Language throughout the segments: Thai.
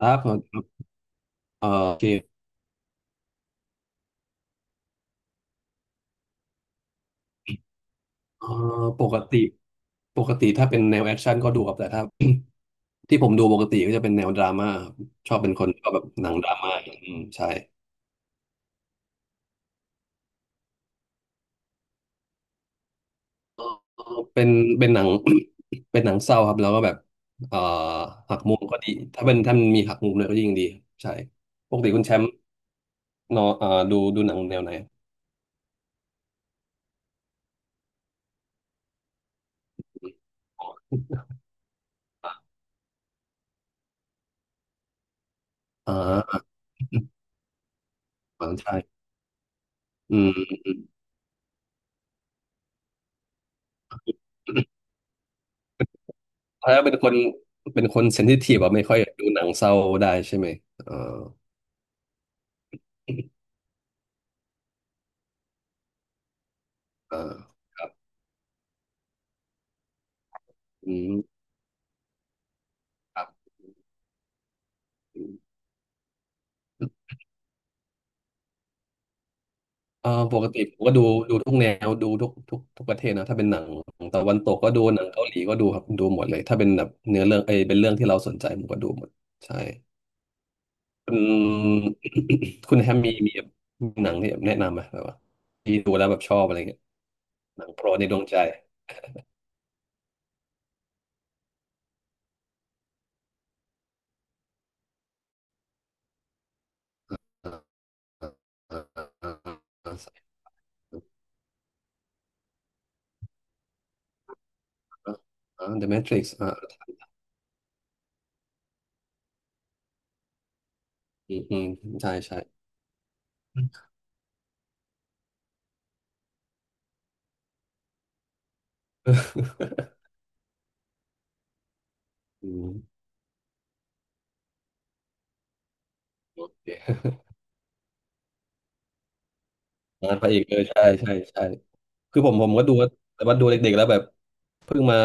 ครับโอเคเอ่อปกติถ้าเป็นแนวแอคชั่นก็ดูครับแต่ถ้า ที่ผมดูปกติก็จะเป็นแนวดราม่าครับชอบเป็นคนชอบแบบหนังดราม่าอืมใช่เอ่อเป็นหนัง เป็นหนังเศร้าครับแล้วก็แบบเอ่อหักมุมก็ดีถ้าเป็นมันมีหักมุมเลยก็ยิ่งดีครับใช่ปกติคุณแชมป์เนอะดูหนังแนวไหนอ่า ใช่ อืมถ้าเป็นคนเป็นคนเซนซิทีฟอะไม่ค่อยดูหนังเศร้าได้ใช่ไหมเออ เออครับอืมครับอืมเออปกติผมก็ดูทุกแนวดูทุกทุกประเทศนะถ้าเป็นหนังตะวันตกก็ดูหนังเกาหลีก็ดูครับดูหมดเลยถ้าเป็นแบบเนื้อเรื่องเอยเป็นเรื่องที่เราสนใจผมก็ดูหมดใช่คุณ คุณแฮมมีมีหนังที่แบบแนะนำไหมแบบว่าที่ดูแล้วแบบชอบอะไรเงี้ยหนังโปรดในดวงใจ อ่าอ่าอ่าอ่าอ่าอ่า The Matrix อ่าอืมใช่ใช่ อืมโอเคงานพระเอกเลยใช่ใช่ คือผมก็ดูแต่ว่าดูเด็กๆแล้วแบบเพิ่งมา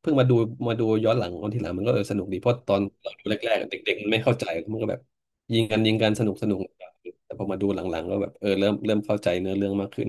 ดูมาดูย้อนหลังตอนที่หลังมันก็เออสนุกดีเพราะตอนเราดูแรกๆเด็กๆมันไม่เข้าใจมันก็แบบยิงกันสนุกแต่พอมาดูหลังๆก็แบบเออเริ่มเข้าใจเนื้อเรื่องมากขึ้น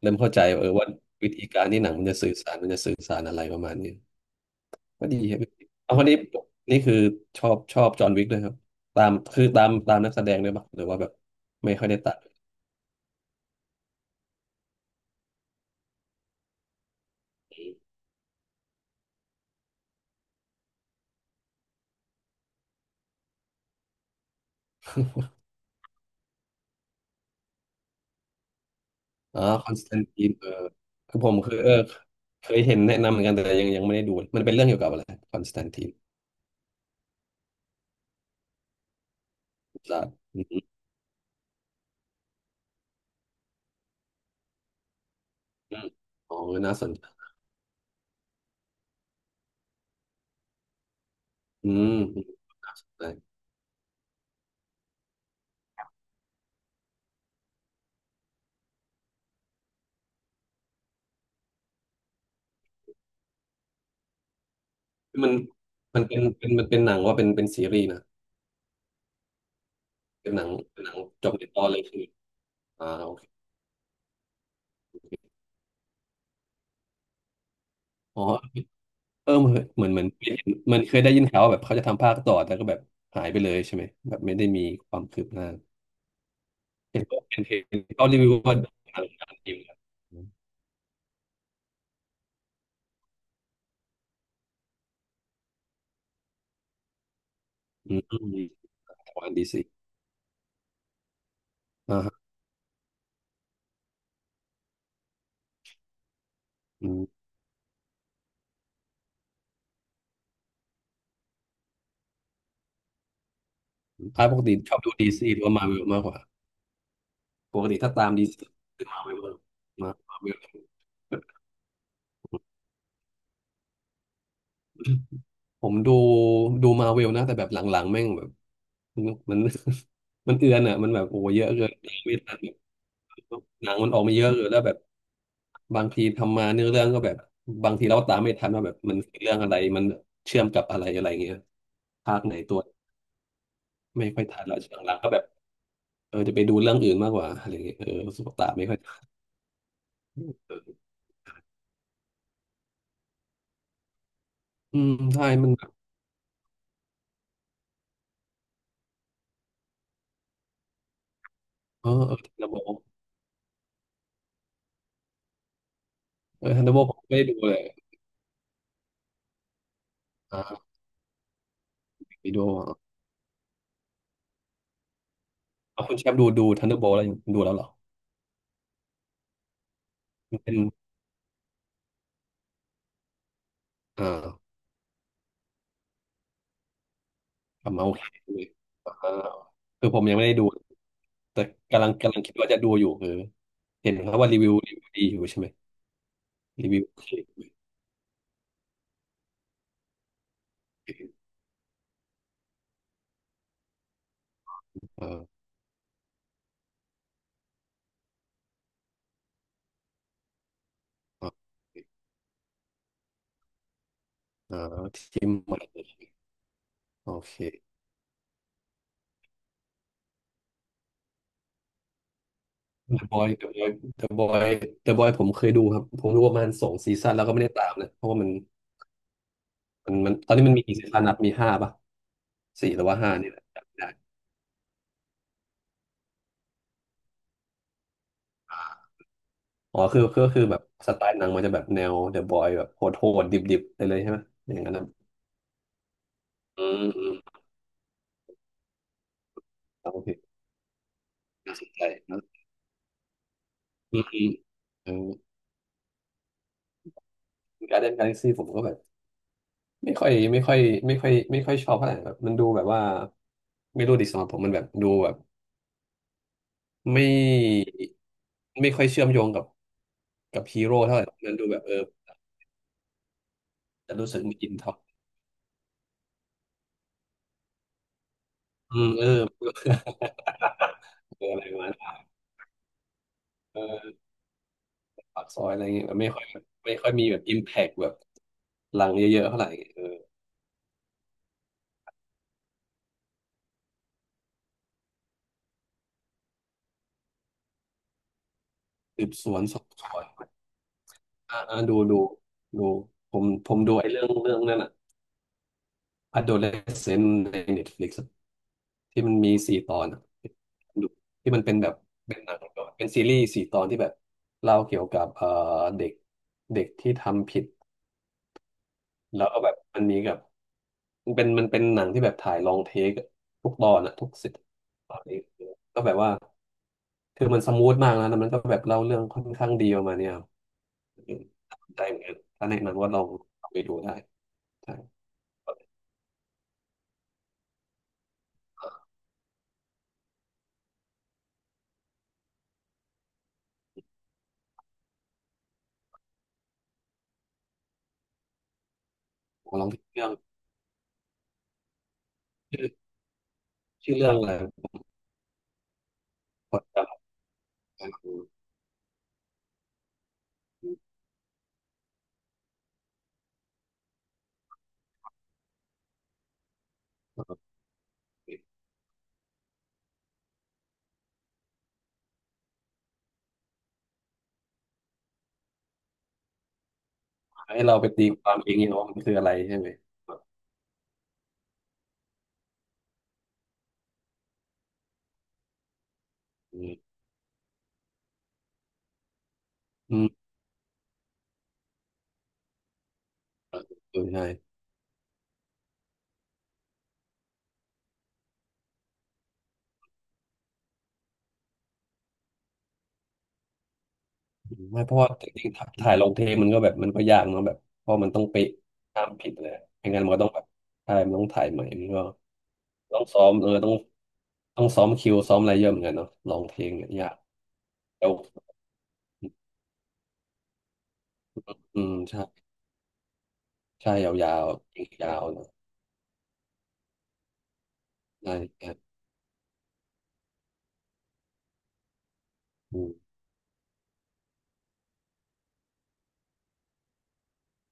เริ่มเข้าใจเออว่าวิธีการที่หนังมันจะสื่อสารมันจะสื่อสารอะไรประมาณนี้ก็ดีครับเอาคนนี้นี่คือชอบจอห์นวิกด้วยครับตามคือตามนักแสดงด้วยปะหรือว่าแบบไม่ค่อยได้ตาม อ๋อคอนสแตนตินเออคือผมเออเคยเห็นแนะนำเหมือนกันแต่ยังไม่ได้ดูมันเป็นเรื่องเกี่ยวกับอะไรคอนสแตนตินซาร์อืมอมอ๋อน่าสนใจอืมน่าสนใจมันเป็นมันเป็นหนังว่าเป็นซีรีส์นะเป็นหนังจบในตอนเลยคืออ่าโอเคอ๋อเออเหมือนเหมันเคยได้ยินข่าวว่าแบบเขาจะทำภาคต่อแต่ก็แบบหายไปเลยใช่ไหมแบบไม่ได้มีความคืบหน้าเห็นว่าเป็นเห็นเขารีวิวว่าหนังการทีมอืมอืมของดีซีอ่า อืมถ้าปกติชอบดูดีซีหรือว่ามาเวลมากกว่าปกติถ้าตามดีซีคือมาเวลมาเวลผมดูมาเวลนะแต่แบบหลังๆแม่งแบบมัน มันเอือนอ่ะมันแบบโอ้เยอะเกินไม่ทันแบบหนังมันออกมาเยอะเกินแล้วแบบบางทีทำมาเนื้อเรื่องก็แบบบางทีเราก็ตามไม่ทันว่าแบบมันเรื่องอะไรมันเชื่อมกับอะไรอะไรเงี้ยภาคไหนตัวไม่ค่อยทันแล้วหลังๆก็แบบเออจะไปดูเรื่องอื่นมากกว่าอะไรเงี้ยเออรู้สุขตามไม่ค่อยทันอืมใช่มันแบบเออระบบ เออทันเดอร์โบผมไม่ได้ดูเลยอ่าไปดูเอาคุณแชมป์ดูทันเดอร์โบแล้วยงดูแล้วเหรอมันเป็นอ่ากลับมาโอเคเลยอ่าคือผมยังไม่ได้ดูแต่กำลังคิดว่าจะดูอยู่คือเห็นเขาว่ารีวิวดีอยู่ใช่ไหมรีวิวโอเคเออเออเอาทีมใหม่โอเค The Boy The Boy The Boy ผมเคยดูครับผมดูประมาณสองซีซั่นแล้วก็ไม่ได้ตามเลยเพราะว่ามันมันตอนนี้มันมีกี่ซีซั่นนับมีห้าป่ะสี่หรือว่าห้านี่แหละ อ๋อคือแบบสไตล์หนังมันจะแบบแนวเดอะบอยแบบโหดดิบดิบๆไปเลยใช่ไหมอย่างนั้นนะอืมอืมโอเคน่าสนใจนะอืมอืมเออการ์เดนกาแล็กซี่ผมก็แบบไม่ค่อยไม่ค่อยไม่ค่อยชอบเท่าไหร่แบบมันดูแบบว่าไม่รู้ดิสำหรับผมมันแบบดูแบบไม่ค่อยเชื่อมโยงกับฮีโร่เท่าไหร่มันดูแบบเออจะรู้สึกมีอินท็อปอืมเออ เอออะไรประมาณนั้น ปากซอยอะไรเงี้ยแบบไม่ค่อยมีแบบอิมแพกแบบหลังเยอะๆเท่าไหร่เออสืบสวนสอบสวนอ่าอ่าดูดูผมดูไอ้เรื่องนั่นอ่ะ Adolescent ใน Netflix อะที่มันมีสี่ตอนอะดูที่มันเป็นแบบเป็นหนังเป็นซีรีส์สี่ตอนที่แบบเล่าเกี่ยวกับเด็กเด็กที่ทำผิดแล้วก็แบบมันมีกับมันเป็นหนังที่แบบถ่ายลองเทคทุกตอนอะทุกสิบตอนนี้แล้วแบบว่า คือมันสมูทมากนะแล้วมันก็แบบเล่าเรื่องค่อนข้างดีประมาณเนี้ยครับอืมได้เหมือนกันถ้าแนะนำว่าลองลอาไปดูได้ใช่ผมลองที่เรื่องชื่อเรื่องอะไรกดจำกันให้เราไปตีความเองเนี่ยว่ามันคืออะไรใช่ไหมอืมอืมเออเออใช่ไม่เพราะว่าจริงๆถถ่ายลงเทปมันก็แบบมันก็ยากเนาะแบบเพราะมันต้องเป๊ะห้ามผิดเลยไม่งั้นมันก็ต้องแบบถ่ายมันต้องถ่ายใหม่มันก็ต้องซ้อมเออต้องซ้อมคิวซ้อมอะไรเยอะเหมือนกันเนาะลองเพลงเนี่ยยากแล้ว อืมใช่ใช่ยาวๆยาวๆเลยได้ครับอืม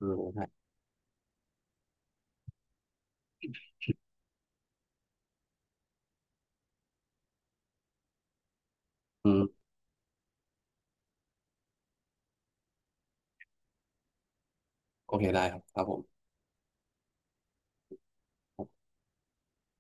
อืมได้อืมโอเคได้ครับครับผม